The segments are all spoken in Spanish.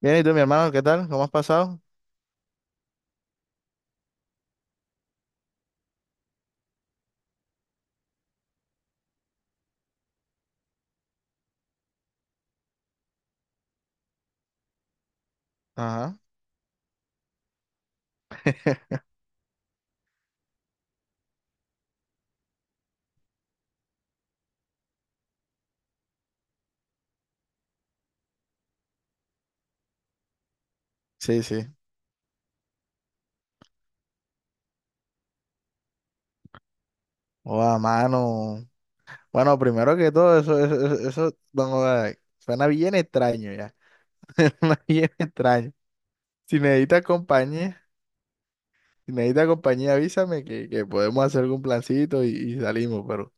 Bien, ¿y tú, mi hermano? ¿Qué tal? ¿Cómo has pasado? Ajá. Sí, sí. A mano. Bueno, primero que todo, eso, don Oda, suena bien extraño ya. Suena bien extraño. Si necesitas compañía, si necesitas compañía, avísame que podemos hacer algún plancito y salimos, pero.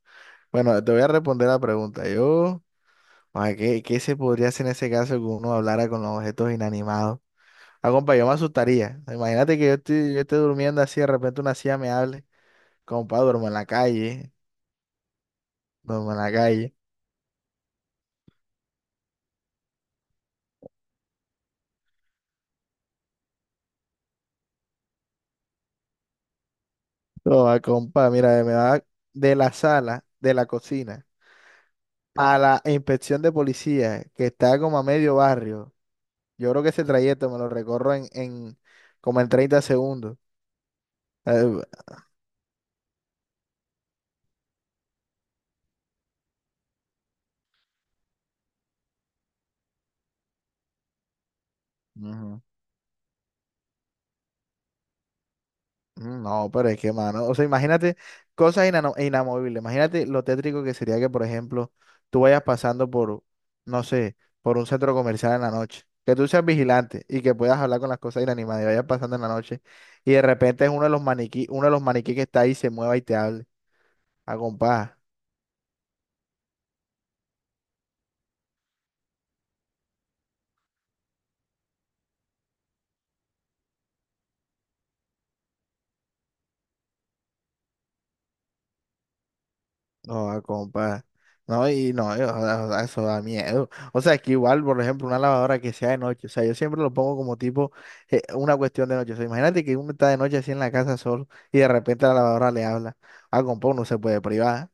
Bueno, te voy a responder la pregunta. Yo, ¿qué se podría hacer en ese caso que uno hablara con los objetos inanimados? Ah, compa, yo me asustaría. Imagínate que yo estoy, yo esté durmiendo así, de repente una silla me hable. Compa, duermo en la calle, duermo en la calle. Toma, compa, mira, me va de la sala, de la cocina, a la inspección de policía, que está como a medio barrio. Yo creo que ese trayecto me lo recorro en como en 30 segundos. Eh, Ujú. No, pero es que, mano, o sea, imagínate cosas inamovibles. Imagínate lo tétrico que sería que, por ejemplo, tú vayas pasando por, no sé, por un centro comercial en la noche, que tú seas vigilante y que puedas hablar con las cosas inanimadas y vayas pasando en la noche y de repente es uno de los maniquí, uno de los maniquí que está ahí se mueva y te hable, a. No, ah, compa. No, y no, o sea, eso da miedo. O sea, es que igual, por ejemplo, una lavadora que sea de noche. O sea, yo siempre lo pongo como tipo una cuestión de noche. O sea, imagínate que uno está de noche así en la casa solo y de repente la lavadora le habla. Ah, compa, uno se puede privar.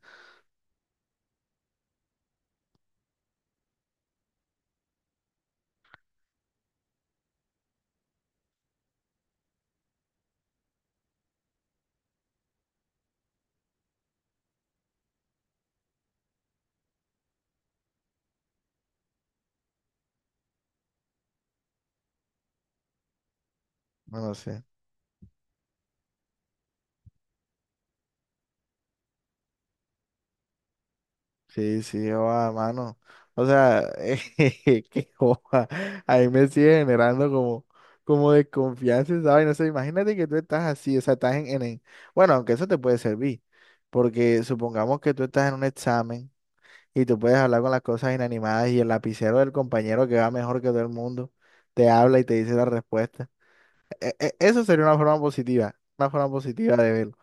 No lo sé. Sí, sí, joda, mano. O sea, qué joda. Ahí me sigue generando como, como desconfianza, ¿sabes? No sé, imagínate que tú estás así, o sea, estás bueno, aunque eso te puede servir, porque supongamos que tú estás en un examen y tú puedes hablar con las cosas inanimadas y el lapicero del compañero que va mejor que todo el mundo te habla y te dice la respuesta. Eso sería una forma positiva de verlo.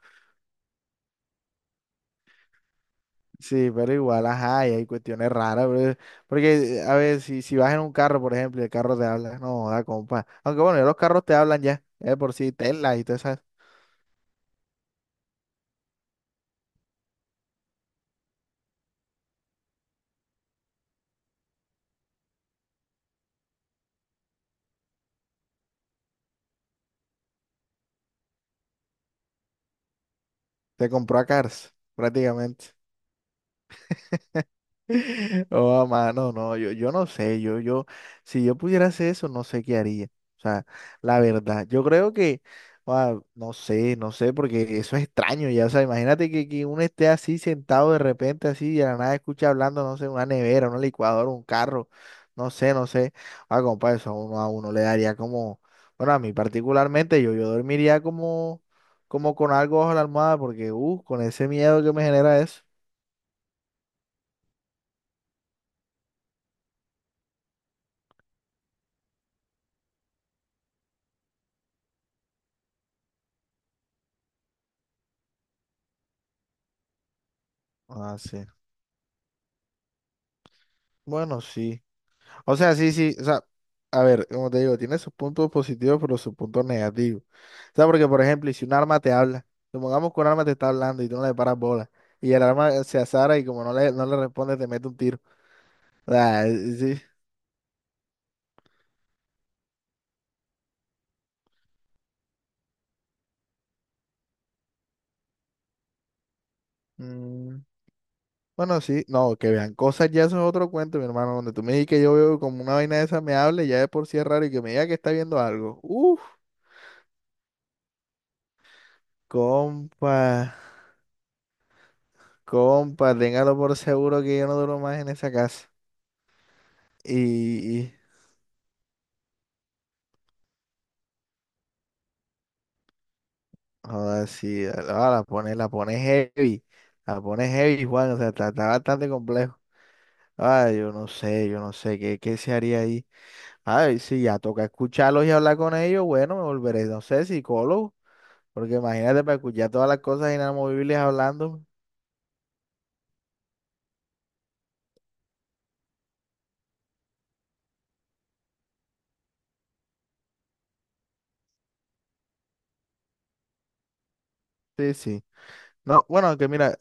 Sí, pero igual, ajá, y hay cuestiones raras, pero porque, a ver, si, si vas en un carro, por ejemplo, y el carro te habla, no, da compa. Aunque bueno, ya los carros te hablan ya, es por si Tesla y todas esas, te compró a Cars, prácticamente. Oh, mano, no, yo no sé, si yo pudiera hacer eso, no sé qué haría. O sea, la verdad, yo creo que, no sé, no sé, porque eso es extraño ya. O sea, imagínate que uno esté así sentado de repente, así, y de la nada escucha hablando, no sé, una nevera, una licuadora, un carro, no sé, no sé. Ah, compa, eso a uno le daría como, bueno, a mí particularmente, yo dormiría como, como con algo bajo la almohada, porque, con ese miedo que me genera eso. Ah, sí. Bueno, sí. O sea, sí, sí, o sea, a ver, como te digo, tiene sus puntos positivos, pero sus puntos negativos. O sea, porque, por ejemplo, y si un arma te habla, supongamos que un arma te está hablando y tú no le paras bola, y el arma se azara y como no le, no le responde, te mete un tiro. O sea, sí. mm, bueno, sí, no, que vean cosas, ya eso es otro cuento, mi hermano, donde tú me digas que yo veo como una vaina de esa me hable, ya de por sí es raro, y que me diga que está viendo algo. Uf, compa, compa, téngalo por seguro que yo no duro más en esa casa. Y, joda, sí, la pone heavy, Juan, o sea, está, está bastante complejo. Ah, yo no sé, ¿qué se haría ahí? Ay, sí, ya toca escucharlos y hablar con ellos, bueno, me volveré, no sé, psicólogo, porque imagínate para escuchar todas las cosas inamovibles hablando. Sí, sí. No, bueno, que mira,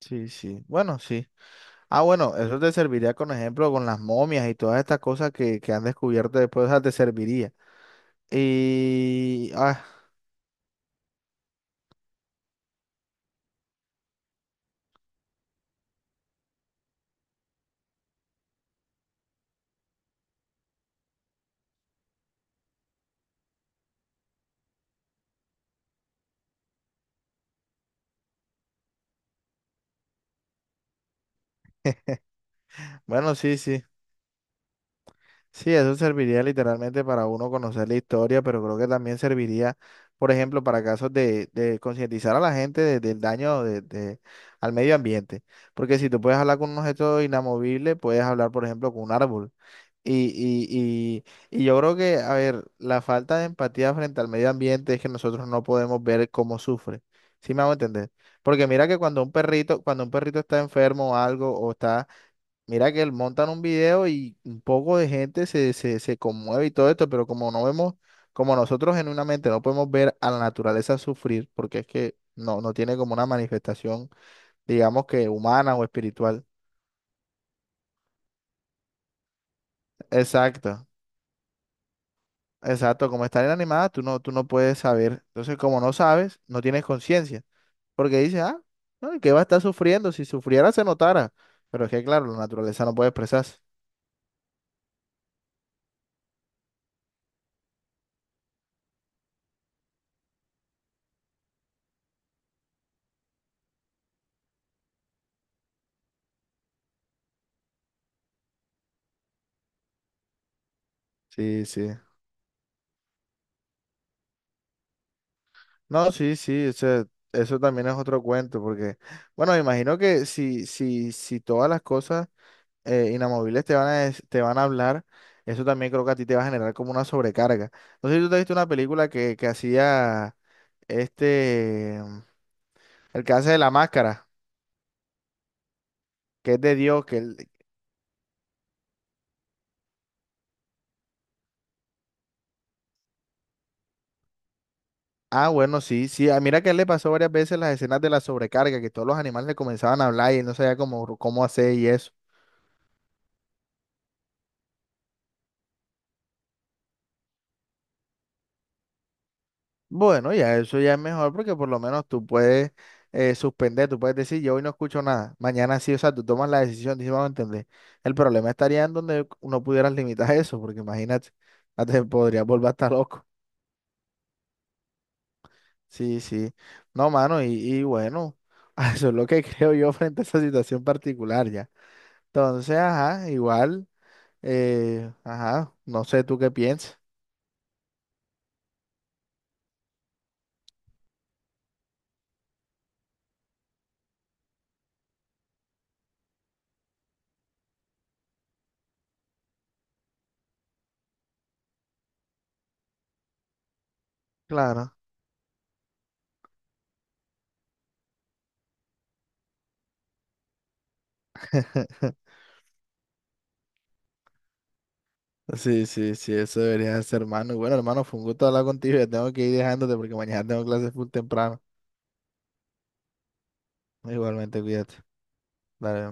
sí, sí, bueno, sí. Ah, bueno, eso te serviría con ejemplo con las momias y todas estas cosas que han descubierto después, o sea, te serviría. Y, bueno, sí, sí. Sí, eso serviría literalmente para uno conocer la historia, pero creo que también serviría, por ejemplo, para casos de concientizar a la gente del daño de al medio ambiente. Porque si tú puedes hablar con un objeto inamovible, puedes hablar, por ejemplo, con un árbol. Y, y, y yo creo que, a ver, la falta de empatía frente al medio ambiente es que nosotros no podemos ver cómo sufre. ¿Sí me hago entender? Porque mira que cuando un perrito está enfermo o algo, o está, mira que él montan un video y un poco de gente se, se, se conmueve y todo esto, pero como no vemos, como nosotros genuinamente no podemos ver a la naturaleza sufrir, porque es que no, no tiene como una manifestación, digamos que humana o espiritual. Exacto, exacto. Como está inanimada, tú no puedes saber. Entonces, como no sabes, no tienes conciencia, porque dices, ah, no, ¿y ¿qué va a estar sufriendo? Si sufriera, se notara. Pero es que, claro, la naturaleza no puede expresarse. Sí, sí. No, sí, sí, o sea, eso también es otro cuento, porque, bueno, me imagino que si todas las cosas inamovibles te van a, te van a hablar, eso también creo que a ti te va a generar como una sobrecarga. No sé si tú te has visto una película que hacía este, el que hace de la máscara, que es de Dios, que él, bueno, sí, sí, mira que a él le pasó varias veces las escenas de la sobrecarga, que todos los animales le comenzaban a hablar y él no sabía cómo, cómo hacer y eso. Bueno, ya eso ya es mejor porque por lo menos tú puedes suspender, tú puedes decir, yo hoy no escucho nada, mañana sí, o sea, tú tomas la decisión, dices, vamos a entender. El problema estaría en donde no pudieras limitar eso, porque imagínate, hasta te podrías volver hasta loco. Sí, sí. No, mano, y bueno, eso es lo que creo yo frente a esa situación particular ya. Entonces, ajá, igual, ajá, no sé tú qué piensas. Claro. Sí, sí, sí, eso debería ser, hermano. Y bueno, hermano, fue un gusto hablar contigo. Ya tengo que ir dejándote porque mañana tengo clases full temprano. Igualmente, cuídate. Dale.